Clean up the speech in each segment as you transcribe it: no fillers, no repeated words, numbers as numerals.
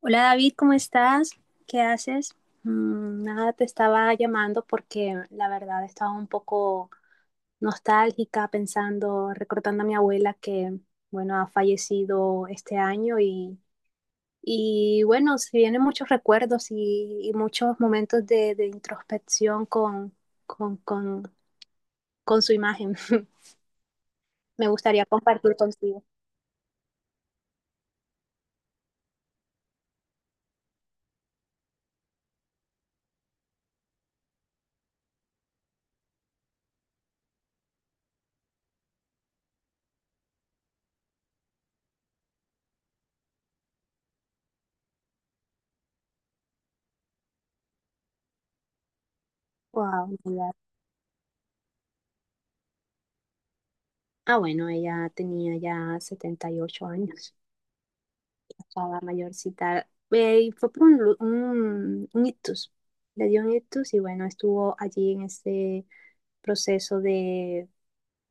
Hola David, ¿cómo estás? ¿Qué haces? Nada, te estaba llamando porque la verdad estaba un poco nostálgica pensando, recordando a mi abuela que, bueno, ha fallecido este año y bueno, se vienen muchos recuerdos y muchos momentos de introspección con, con, con su imagen. Me gustaría compartir contigo. Wow. Bueno, ella tenía ya 78 años. Estaba mayorcita. Y fue por un ictus. Le dio un ictus y bueno, estuvo allí en ese proceso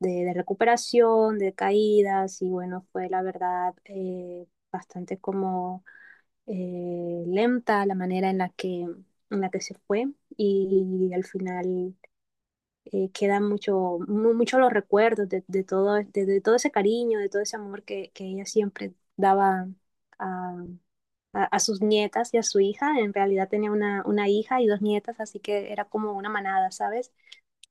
de recuperación, de caídas y bueno, fue la verdad bastante como lenta la manera en la que se fue y al final quedan mucho los recuerdos de todo, de todo ese cariño, de todo ese amor que ella siempre daba a, a sus nietas y a su hija. En realidad tenía una hija y dos nietas, así que era como una manada, ¿sabes?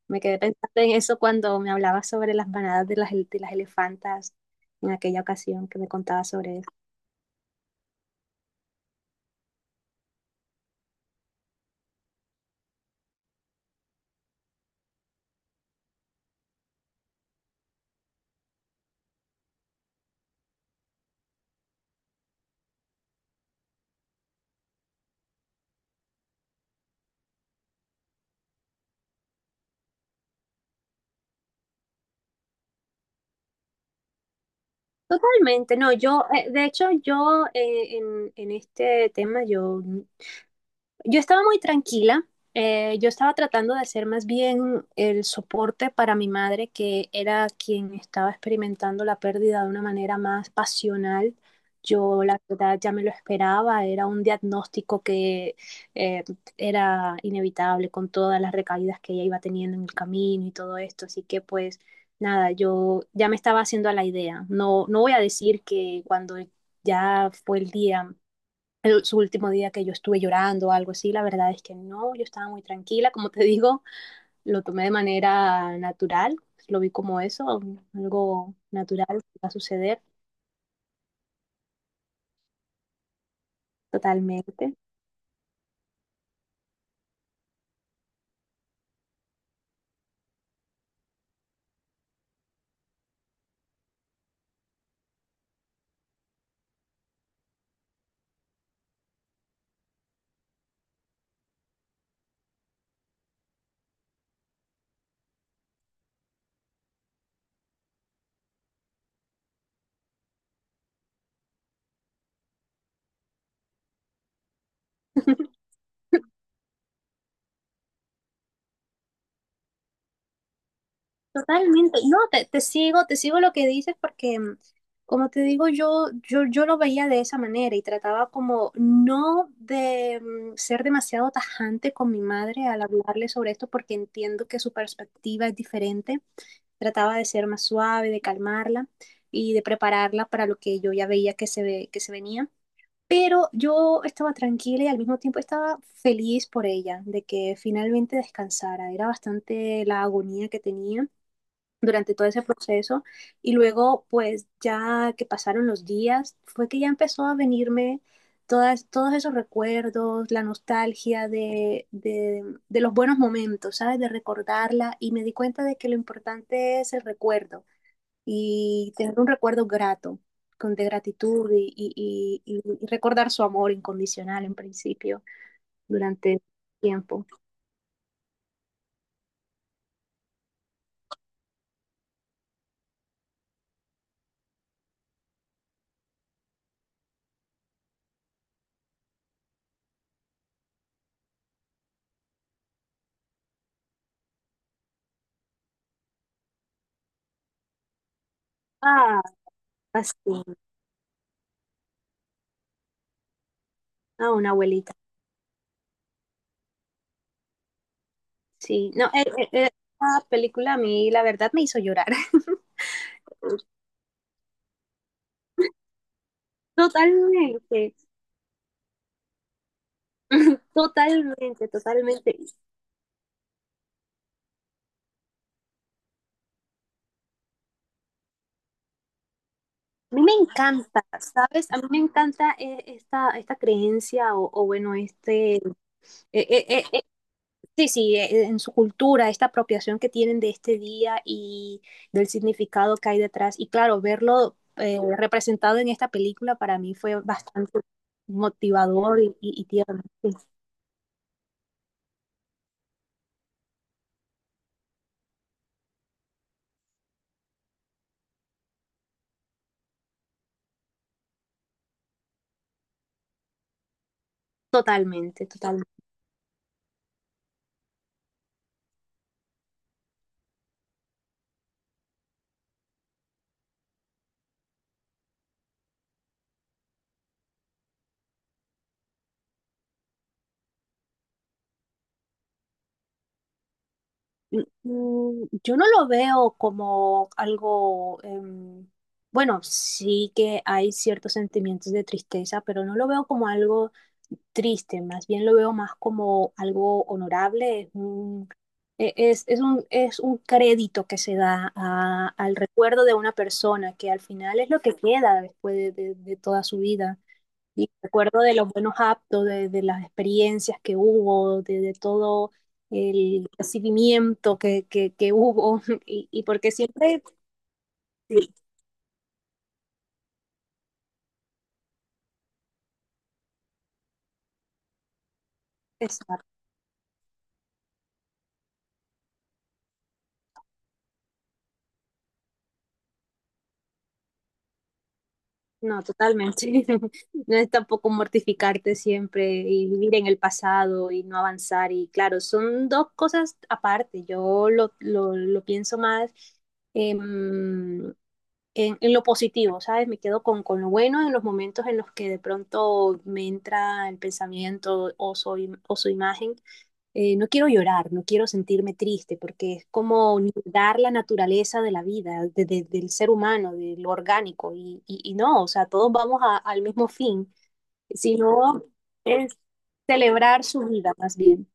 Me quedé pensando en eso cuando me hablabas sobre las manadas de de las elefantas en aquella ocasión que me contabas sobre eso. Totalmente. No, yo, de hecho, yo en este tema, yo... Yo estaba muy tranquila. Yo estaba tratando de hacer más bien el soporte para mi madre, que era quien estaba experimentando la pérdida de una manera más pasional. Yo, la verdad, ya me lo esperaba. Era un diagnóstico que eh, era inevitable con todas las recaídas que ella iba teniendo en el camino y todo esto. Así que, pues, nada, yo ya me estaba haciendo a la idea. No, no voy a decir que cuando ya fue el día su último día que yo estuve llorando o algo así, la verdad es que no, yo estaba muy tranquila, como te digo, lo tomé de manera natural, lo vi como eso, algo natural que va a suceder. Totalmente. Totalmente. No, te sigo lo que dices porque, como te digo, yo lo veía de esa manera y trataba como no de ser demasiado tajante con mi madre al hablarle sobre esto porque entiendo que su perspectiva es diferente. Trataba de ser más suave, de calmarla y de prepararla para lo que yo ya veía que que se venía. Pero yo estaba tranquila y al mismo tiempo estaba feliz por ella, de que finalmente descansara. Era bastante la agonía que tenía durante todo ese proceso y luego pues ya que pasaron los días fue que ya empezó a venirme todos esos recuerdos, la nostalgia de los buenos momentos, ¿sabes? De recordarla y me di cuenta de que lo importante es el recuerdo y tener un recuerdo grato, con de gratitud y recordar su amor incondicional en principio durante tiempo. Ah, así, a una abuelita. Sí, no, esa película a mí la verdad me hizo llorar. Totalmente. Totalmente. A mí me encanta, ¿sabes? A mí me encanta esta creencia o bueno, este, eh, eh, eh, sí, sí, en su cultura, esta apropiación que tienen de este día y del significado que hay detrás. Y claro, verlo representado en esta película para mí fue bastante motivador y tierno. Sí, totalmente. Yo no lo veo como algo, bueno, sí que hay ciertos sentimientos de tristeza, pero no lo veo como algo triste, más bien lo veo más como algo honorable, es un, es un crédito que se da al recuerdo de una persona que al final es lo que queda después de de toda su vida. Y me acuerdo de los buenos actos, de las experiencias que hubo, de todo el recibimiento que hubo, y porque siempre, sí, exacto, no, totalmente, no es tampoco mortificarte siempre y vivir en el pasado y no avanzar, y claro, son dos cosas aparte, yo lo pienso más em, en lo positivo, ¿sabes? Me quedo con lo bueno en los momentos en los que de pronto me entra el pensamiento o soy, o su imagen. No quiero llorar, no quiero sentirme triste, porque es como negar la naturaleza de la vida, del ser humano, de lo orgánico, y no, o sea, todos vamos al mismo fin, sino es celebrar su vida más bien.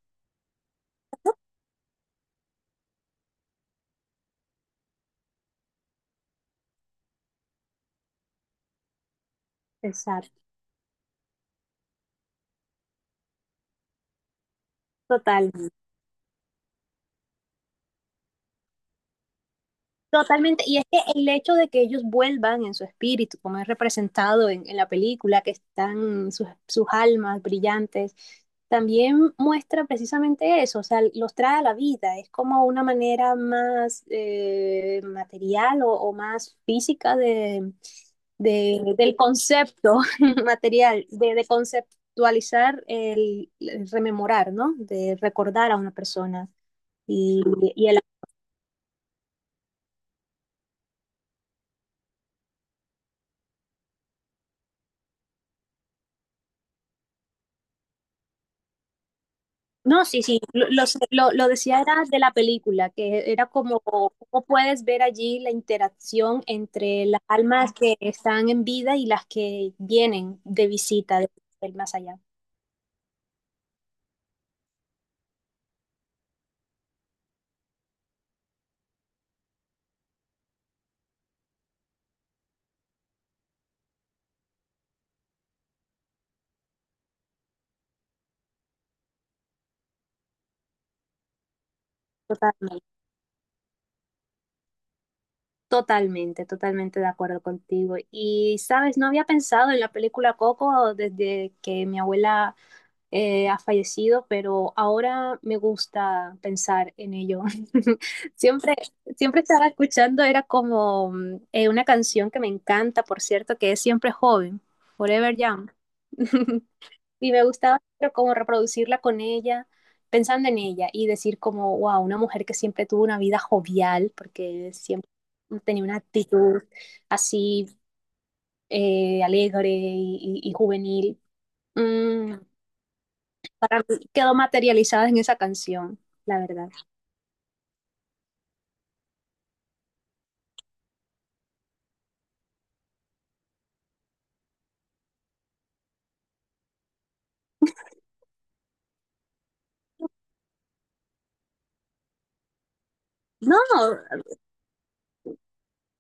Exacto, total. Totalmente, y es que el hecho de que ellos vuelvan en su espíritu, como es representado en la película, que están sus almas brillantes, también muestra precisamente eso, o sea, los trae a la vida, es como una manera más material o más física de, del concepto material, de conceptualizar el rememorar, ¿no? De recordar a una persona. Y, y el... No, sí, sí, lo sé, lo decía era de la película, que era como cómo puedes ver allí la interacción entre las almas que están en vida y las que vienen de visita del más allá. Totalmente, totalmente de acuerdo contigo. Y, sabes, no había pensado en la película Coco desde que mi abuela ha fallecido, pero ahora me gusta pensar en ello. Siempre, siempre estaba escuchando, era como una canción que me encanta, por cierto, que es Siempre Joven, Forever Young. Y me gustaba pero como reproducirla con ella, pensando en ella y decir como, wow, una mujer que siempre tuvo una vida jovial, porque siempre tenía una actitud así alegre y juvenil. Mm, para mí quedó materializada en esa canción, la verdad. No,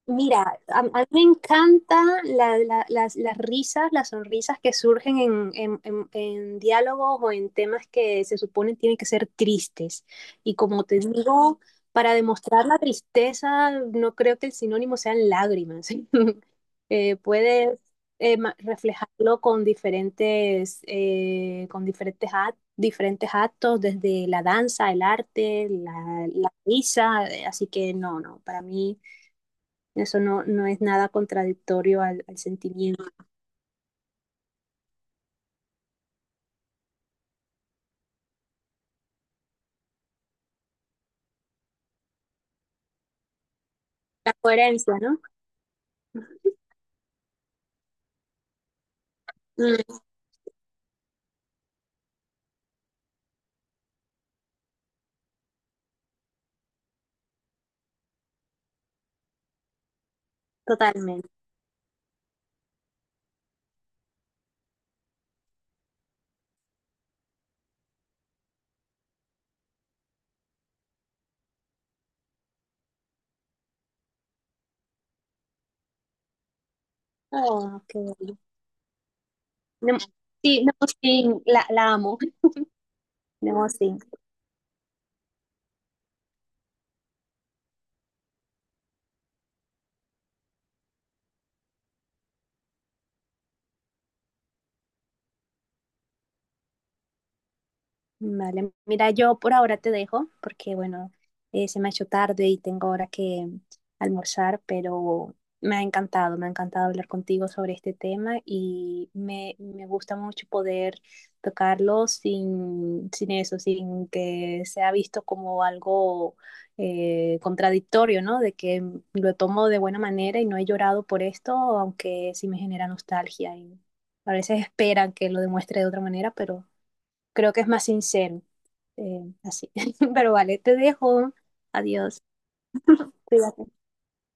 mira, a mí me encantan las risas, las sonrisas que surgen en, en diálogos o en temas que se supone tienen que ser tristes. Y como te digo, para demostrar la tristeza, no creo que el sinónimo sean lágrimas. Puedes reflejarlo con diferentes, con diferentes, diferentes actos, desde la danza, el arte, la risa. Así que no, no, para mí. Eso no, no es nada contradictorio al, al sentimiento. La coherencia, ¿no? Mm, totalmente. Oh, qué bueno. Nemo- Sí, Nemosín, la amo. Nemosín. Vale, mira, yo por ahora te dejo porque, bueno, se me ha hecho tarde y tengo ahora que almorzar, pero me ha encantado hablar contigo sobre este tema y me gusta mucho poder tocarlo sin, sin eso, sin que sea visto como algo contradictorio, ¿no? De que lo tomo de buena manera y no he llorado por esto, aunque sí me genera nostalgia y a veces esperan que lo demuestre de otra manera, pero creo que es más sincero. Así. Pero vale, te dejo. Adiós. Cuídate.